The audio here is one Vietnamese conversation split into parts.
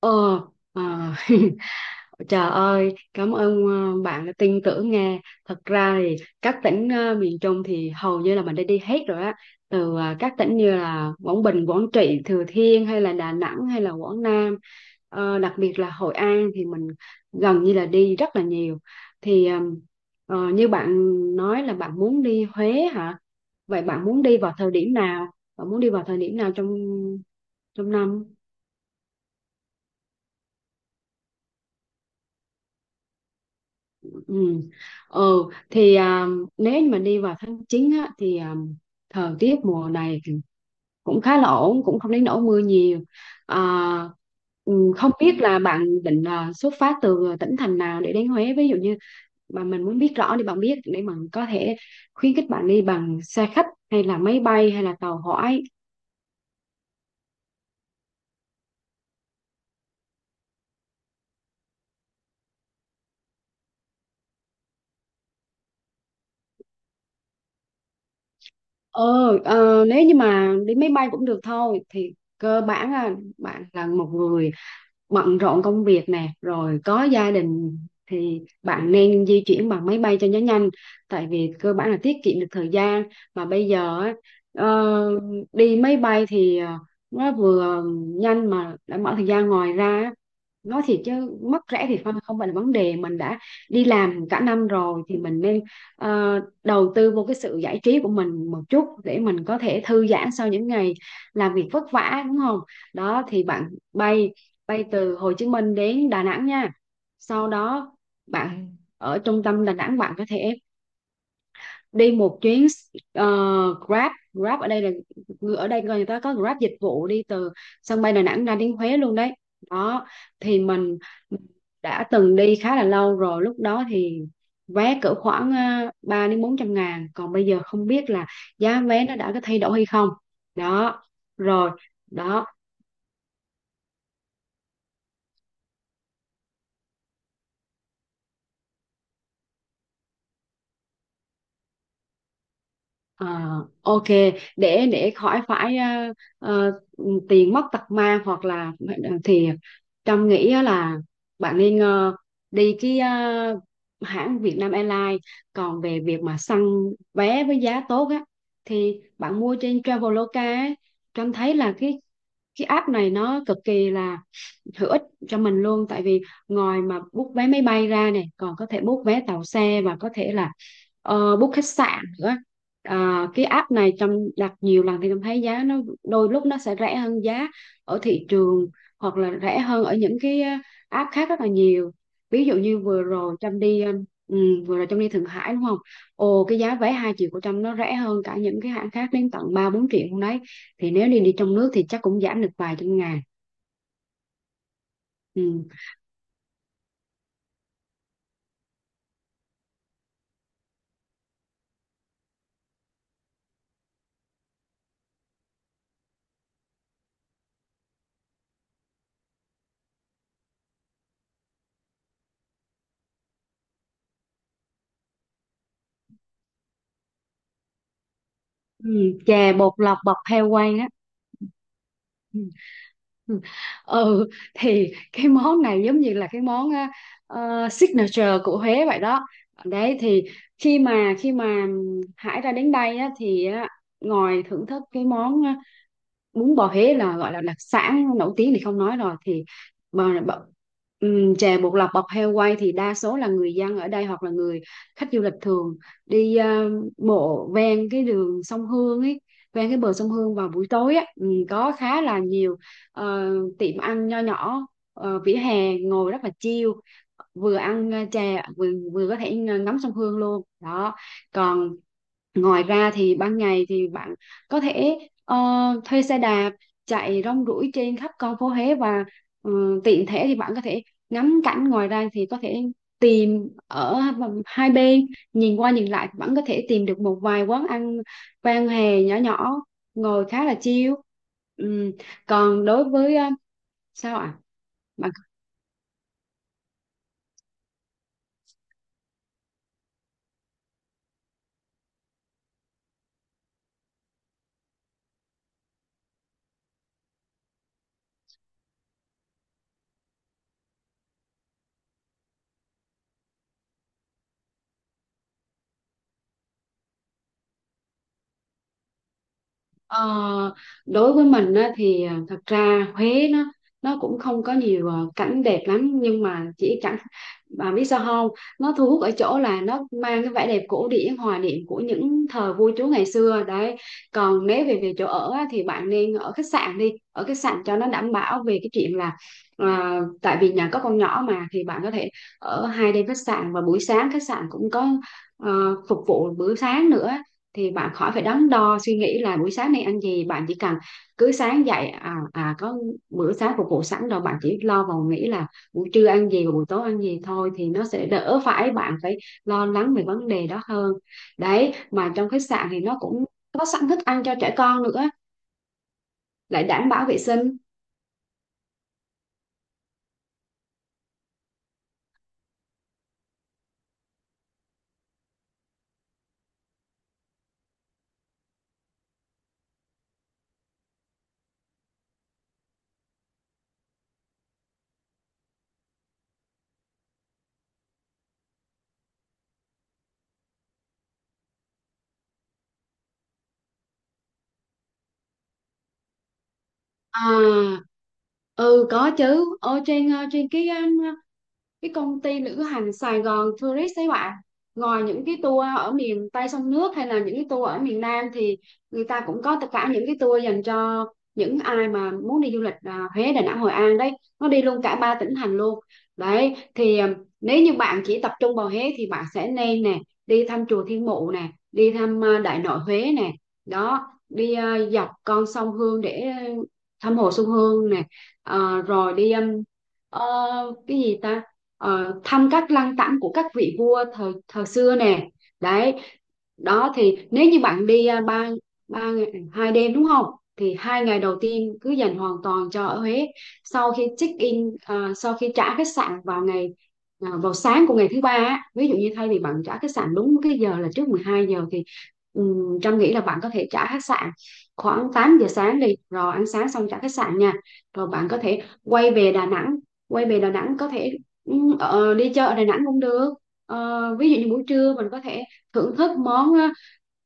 Ờ, à, Trời ơi, cảm ơn bạn đã tin tưởng nghe. Thật ra thì các tỉnh miền Trung thì hầu như là mình đã đi hết rồi á. Từ các tỉnh như là Quảng Bình, Quảng Trị, Thừa Thiên hay là Đà Nẵng hay là Quảng Nam. Ờ, đặc biệt là Hội An thì mình gần như là đi rất là nhiều. Thì như bạn nói là bạn muốn đi Huế hả? Vậy bạn muốn đi vào thời điểm nào? Bạn muốn đi vào thời điểm nào trong trong năm? Ừ. Ừ thì nếu như mà đi vào tháng 9 á, thì thời tiết mùa này thì cũng khá là ổn, cũng không đến nỗi mưa nhiều. à, ừ, Không biết là bạn định xuất phát từ tỉnh thành nào để đến Huế, ví dụ như mà mình muốn biết rõ thì bạn biết để mình có thể khuyến khích bạn đi bằng xe khách hay là máy bay hay là tàu hỏa. Ờ, Nếu như mà đi máy bay cũng được thôi, thì cơ bản là bạn là một người bận rộn công việc nè rồi có gia đình thì bạn nên di chuyển bằng máy bay cho nó nhanh, tại vì cơ bản là tiết kiệm được thời gian. Mà bây giờ á, ờ, đi máy bay thì nó vừa nhanh mà đảm bảo thời gian. Ngoài ra á, nói thiệt chứ mất rẻ thì không không phải là vấn đề, mình đã đi làm cả năm rồi thì mình nên đầu tư vô cái sự giải trí của mình một chút để mình có thể thư giãn sau những ngày làm việc vất vả, đúng không? Đó thì bạn bay bay từ Hồ Chí Minh đến Đà Nẵng nha. Sau đó bạn ở trung tâm Đà Nẵng, bạn có thể đi một chuyến ờ, Grab. Ở đây là ở đây người ta có Grab dịch vụ đi từ sân bay Đà Nẵng ra đến Huế luôn đấy. Đó thì mình đã từng đi khá là lâu rồi, lúc đó thì vé cỡ khoảng 3 đến 400.000, còn bây giờ không biết là giá vé nó đã có thay đổi hay không. Đó rồi đó. À, ok, để khỏi phải ờ, tiền mất tật mang hoặc là thì Trâm nghĩ á là bạn nên đi cái hãng Vietnam Airlines. Còn về việc mà săn vé với giá tốt á thì bạn mua trên Traveloka ấy. Trâm thấy là cái app này nó cực kỳ là hữu ích cho mình luôn, tại vì ngoài mà book vé máy bay ra này còn có thể book vé tàu xe và có thể là book khách sạn nữa. À, cái app này trong đặt nhiều lần thì em thấy giá nó đôi lúc nó sẽ rẻ hơn giá ở thị trường hoặc là rẻ hơn ở những cái app khác rất là nhiều. Ví dụ như vừa rồi Trâm đi ừ, vừa rồi Trâm đi Thượng Hải đúng không, ồ cái giá vé 2.000.000 của Trâm nó rẻ hơn cả những cái hãng khác đến tận 3-4 triệu luôn đấy. Thì nếu đi đi trong nước thì chắc cũng giảm được vài trăm ngàn. Ừ. Ừ, chè bột lọc bọc heo quay á. Ừ. Ừ. Ừ, thì cái món này giống như là cái món á, signature của Huế vậy đó. Đấy thì khi mà Hải ra đến đây á, thì á, ngồi thưởng thức cái món bún bò Huế là gọi là đặc sản nổi tiếng thì không nói rồi. Thì bò bọ- chè bột lọc bọc heo quay thì đa số là người dân ở đây hoặc là người khách du lịch thường đi bộ ven cái đường sông Hương ấy, ven cái bờ sông Hương vào buổi tối á. Có khá là nhiều ờ, tiệm ăn nho nhỏ vỉa hè, ngồi rất là chill, vừa ăn chè vừa vừa có thể ngắm sông Hương luôn đó. Còn ngoài ra thì ban ngày thì bạn có thể ờ, thuê xe đạp chạy rong ruổi trên khắp con phố Huế và ừ, tiện thể thì bạn có thể ngắm cảnh, ngoài ra thì có thể tìm ở hai bên, nhìn qua nhìn lại vẫn có thể tìm được một vài quán ăn vang hè nhỏ nhỏ ngồi khá là chill. Ừm, Còn đối với sao ạ. Ờ, đối với mình á, thì à, thật ra Huế nó cũng không có nhiều cảnh đẹp lắm, nhưng mà chỉ chẳng bà biết sao không, nó thu hút ở chỗ là nó mang cái vẻ đẹp cổ điển hòa niệm của những thời vua chúa ngày xưa đấy. Còn nếu về về chỗ ở á, thì bạn nên ở khách sạn đi, ở khách sạn cho nó đảm bảo về cái chuyện là à, tại vì nhà có con nhỏ mà, thì bạn có thể ở 2 đêm khách sạn, và buổi sáng khách sạn cũng có à, phục vụ bữa sáng nữa, thì bạn khỏi phải đắn đo suy nghĩ là buổi sáng nay ăn gì, bạn chỉ cần cứ sáng dậy có bữa sáng phục vụ sẵn rồi, bạn chỉ lo vào nghĩ là buổi trưa ăn gì và buổi tối ăn gì thôi, thì nó sẽ đỡ phải bạn phải lo lắng về vấn đề đó hơn. Đấy mà trong khách sạn thì nó cũng có sẵn thức ăn cho trẻ con nữa, lại đảm bảo vệ sinh. À, ừ có chứ, ở trên trên cái công ty lữ hành Sài Gòn Tourist ấy bạn, ngoài những cái tour ở miền Tây sông nước hay là những cái tour ở miền Nam thì người ta cũng có tất cả những cái tour dành cho những ai mà muốn đi du lịch Huế, Đà Nẵng, Hội An đấy, nó đi luôn cả ba tỉnh thành luôn. Đấy thì nếu như bạn chỉ tập trung vào Huế thì bạn sẽ nên nè, đi thăm chùa Thiên Mụ nè, đi thăm Đại Nội Huế nè, đó đi dọc con sông Hương để thăm hồ Xuân Hương nè. Ờ, rồi đi ờ, cái gì ta, thăm các lăng tẩm của các vị vua thời thời xưa nè đấy. Đó thì nếu như bạn đi à, ba 3 ngày 2 đêm đúng không, thì hai ngày đầu tiên cứ dành hoàn toàn cho ở Huế. Sau khi check in sau khi trả khách sạn vào ngày vào sáng của ngày thứ ba á, ví dụ như thay vì bạn trả khách sạn đúng cái giờ là trước 12 giờ, thì Trâm nghĩ là bạn có thể trả khách sạn khoảng 8 giờ sáng đi, rồi ăn sáng xong trả khách sạn nha. Rồi bạn có thể quay về Đà Nẵng, có thể Ừ, Ờ, đi chợ ở Đà Nẵng cũng được. Ví dụ như buổi trưa mình có thể thưởng thức món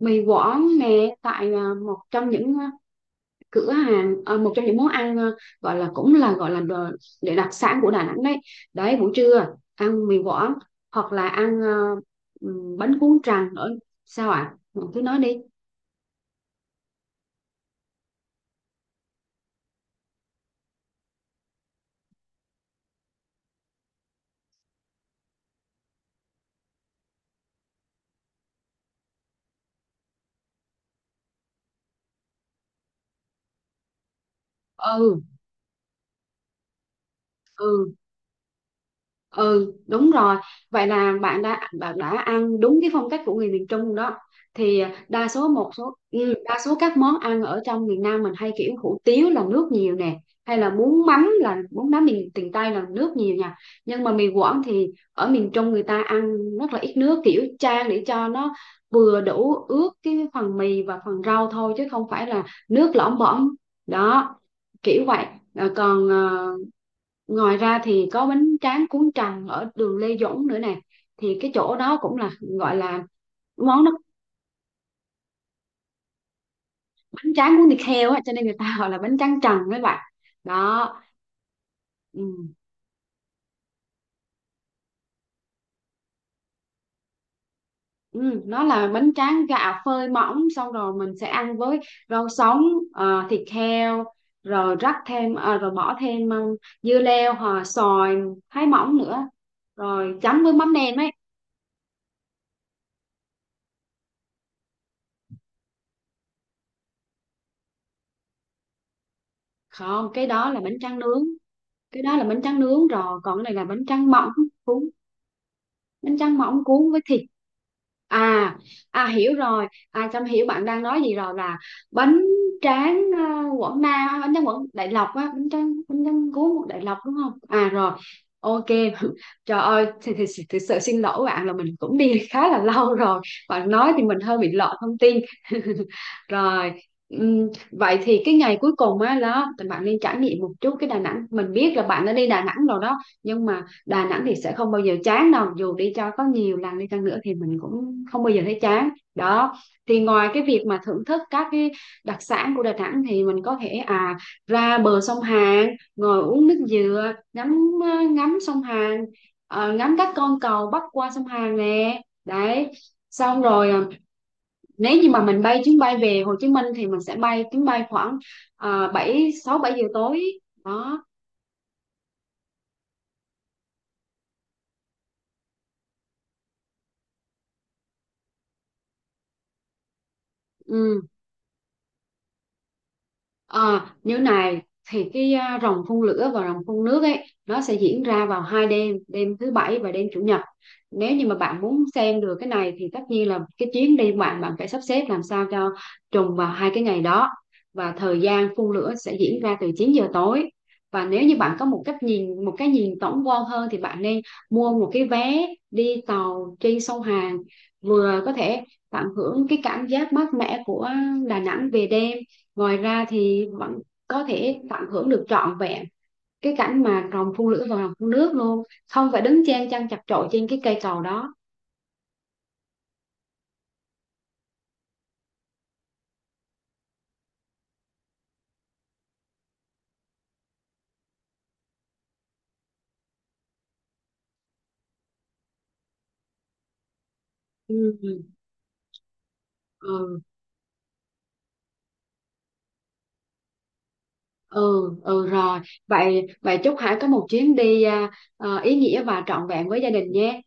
mì Quảng nè, tại một trong những cửa hàng, một trong những món ăn gọi là cũng là gọi là để đặc sản của Đà Nẵng đấy. Đấy, buổi trưa ăn mì Quảng hoặc là ăn bánh cuốn tràng nữa. Sao ạ? À, cứ nói đi. Ừ. Ừ. Ừ đúng rồi, vậy là bạn đã ăn đúng cái phong cách của người miền Trung đó. Thì đa số đa số các món ăn ở trong miền Nam mình hay kiểu hủ tiếu là nước nhiều nè, hay là bún mắm miền miền Tây là nước nhiều nha. Nhưng mà miền Quảng thì ở miền Trung người ta ăn rất là ít nước, kiểu chan để cho nó vừa đủ ướt cái phần mì và phần rau thôi chứ không phải là nước lõm bõm. Đó, kiểu vậy. Ờ, còn ờ, ngoài ra thì có bánh tráng cuốn trần ở đường Lê Duẩn nữa nè. Thì cái chỗ đó cũng là gọi là món nó bánh tráng cuốn thịt heo á, cho nên người ta gọi là bánh tráng trần các bạn. Đó. Ừ. Ừ, nó là bánh tráng gạo phơi mỏng, xong rồi mình sẽ ăn với rau sống, thịt heo, rồi rắc thêm rồi bỏ thêm dưa leo hoặc xoài thái mỏng nữa, rồi chấm với mắm nêm ấy. Không, cái đó là bánh tráng nướng, cái đó là bánh tráng nướng rồi, còn cái này là bánh tráng mỏng cuốn, bánh tráng mỏng cuốn với thịt. À à hiểu rồi, à Trâm hiểu bạn đang nói gì rồi, là bánh tráng Quảng Nam á, bánh tráng Quảng Đại Lộc á, bánh tráng cuốn một Đại Lộc đúng không. À rồi, ok. Trời ơi, thì thực sự xin lỗi bạn là mình cũng đi khá là lâu rồi, bạn nói thì mình hơi bị lọt thông tin. Rồi, vậy thì cái ngày cuối cùng á đó thì bạn nên trải nghiệm một chút cái Đà Nẵng, mình biết là bạn đã đi Đà Nẵng rồi đó nhưng mà Đà Nẵng thì sẽ không bao giờ chán đâu, dù đi cho có nhiều lần đi chăng nữa thì mình cũng không bao giờ thấy chán. Đó thì ngoài cái việc mà thưởng thức các cái đặc sản của Đà Nẵng thì mình có thể à ra bờ sông Hàn, ngồi uống nước dừa, ngắm ngắm sông Hàn, ngắm các con cầu bắc qua sông Hàn nè đấy. Xong rồi nếu như mà mình bay chuyến bay về Hồ Chí Minh thì mình sẽ bay chuyến bay khoảng 7 6 7 giờ tối đó. Ừ. À, như này thì cái à, ròng phun lửa và ròng phun nước ấy, nó sẽ diễn ra vào hai đêm, đêm thứ bảy và đêm chủ nhật. Nếu như mà bạn muốn xem được cái này thì tất nhiên là cái chuyến đi của bạn, bạn phải sắp xếp làm sao cho trùng vào hai cái ngày đó. Và thời gian phun lửa sẽ diễn ra từ 9 giờ tối. Và nếu như bạn có một cái nhìn tổng quan hơn thì bạn nên mua một cái vé đi tàu trên sông Hàn, vừa có thể tận hưởng cái cảm giác mát mẻ của Đà Nẵng về đêm. Ngoài ra thì bạn có thể tận hưởng được trọn vẹn cái cảnh mà rồng phun lửa và rồng phun nước luôn, không phải đứng chen chân chật chội trên cái cây cầu đó. Ừ, ừ, ừ rồi. Vậy Vậy chúc Hải có một chuyến đi ý nghĩa và trọn vẹn với gia đình nhé.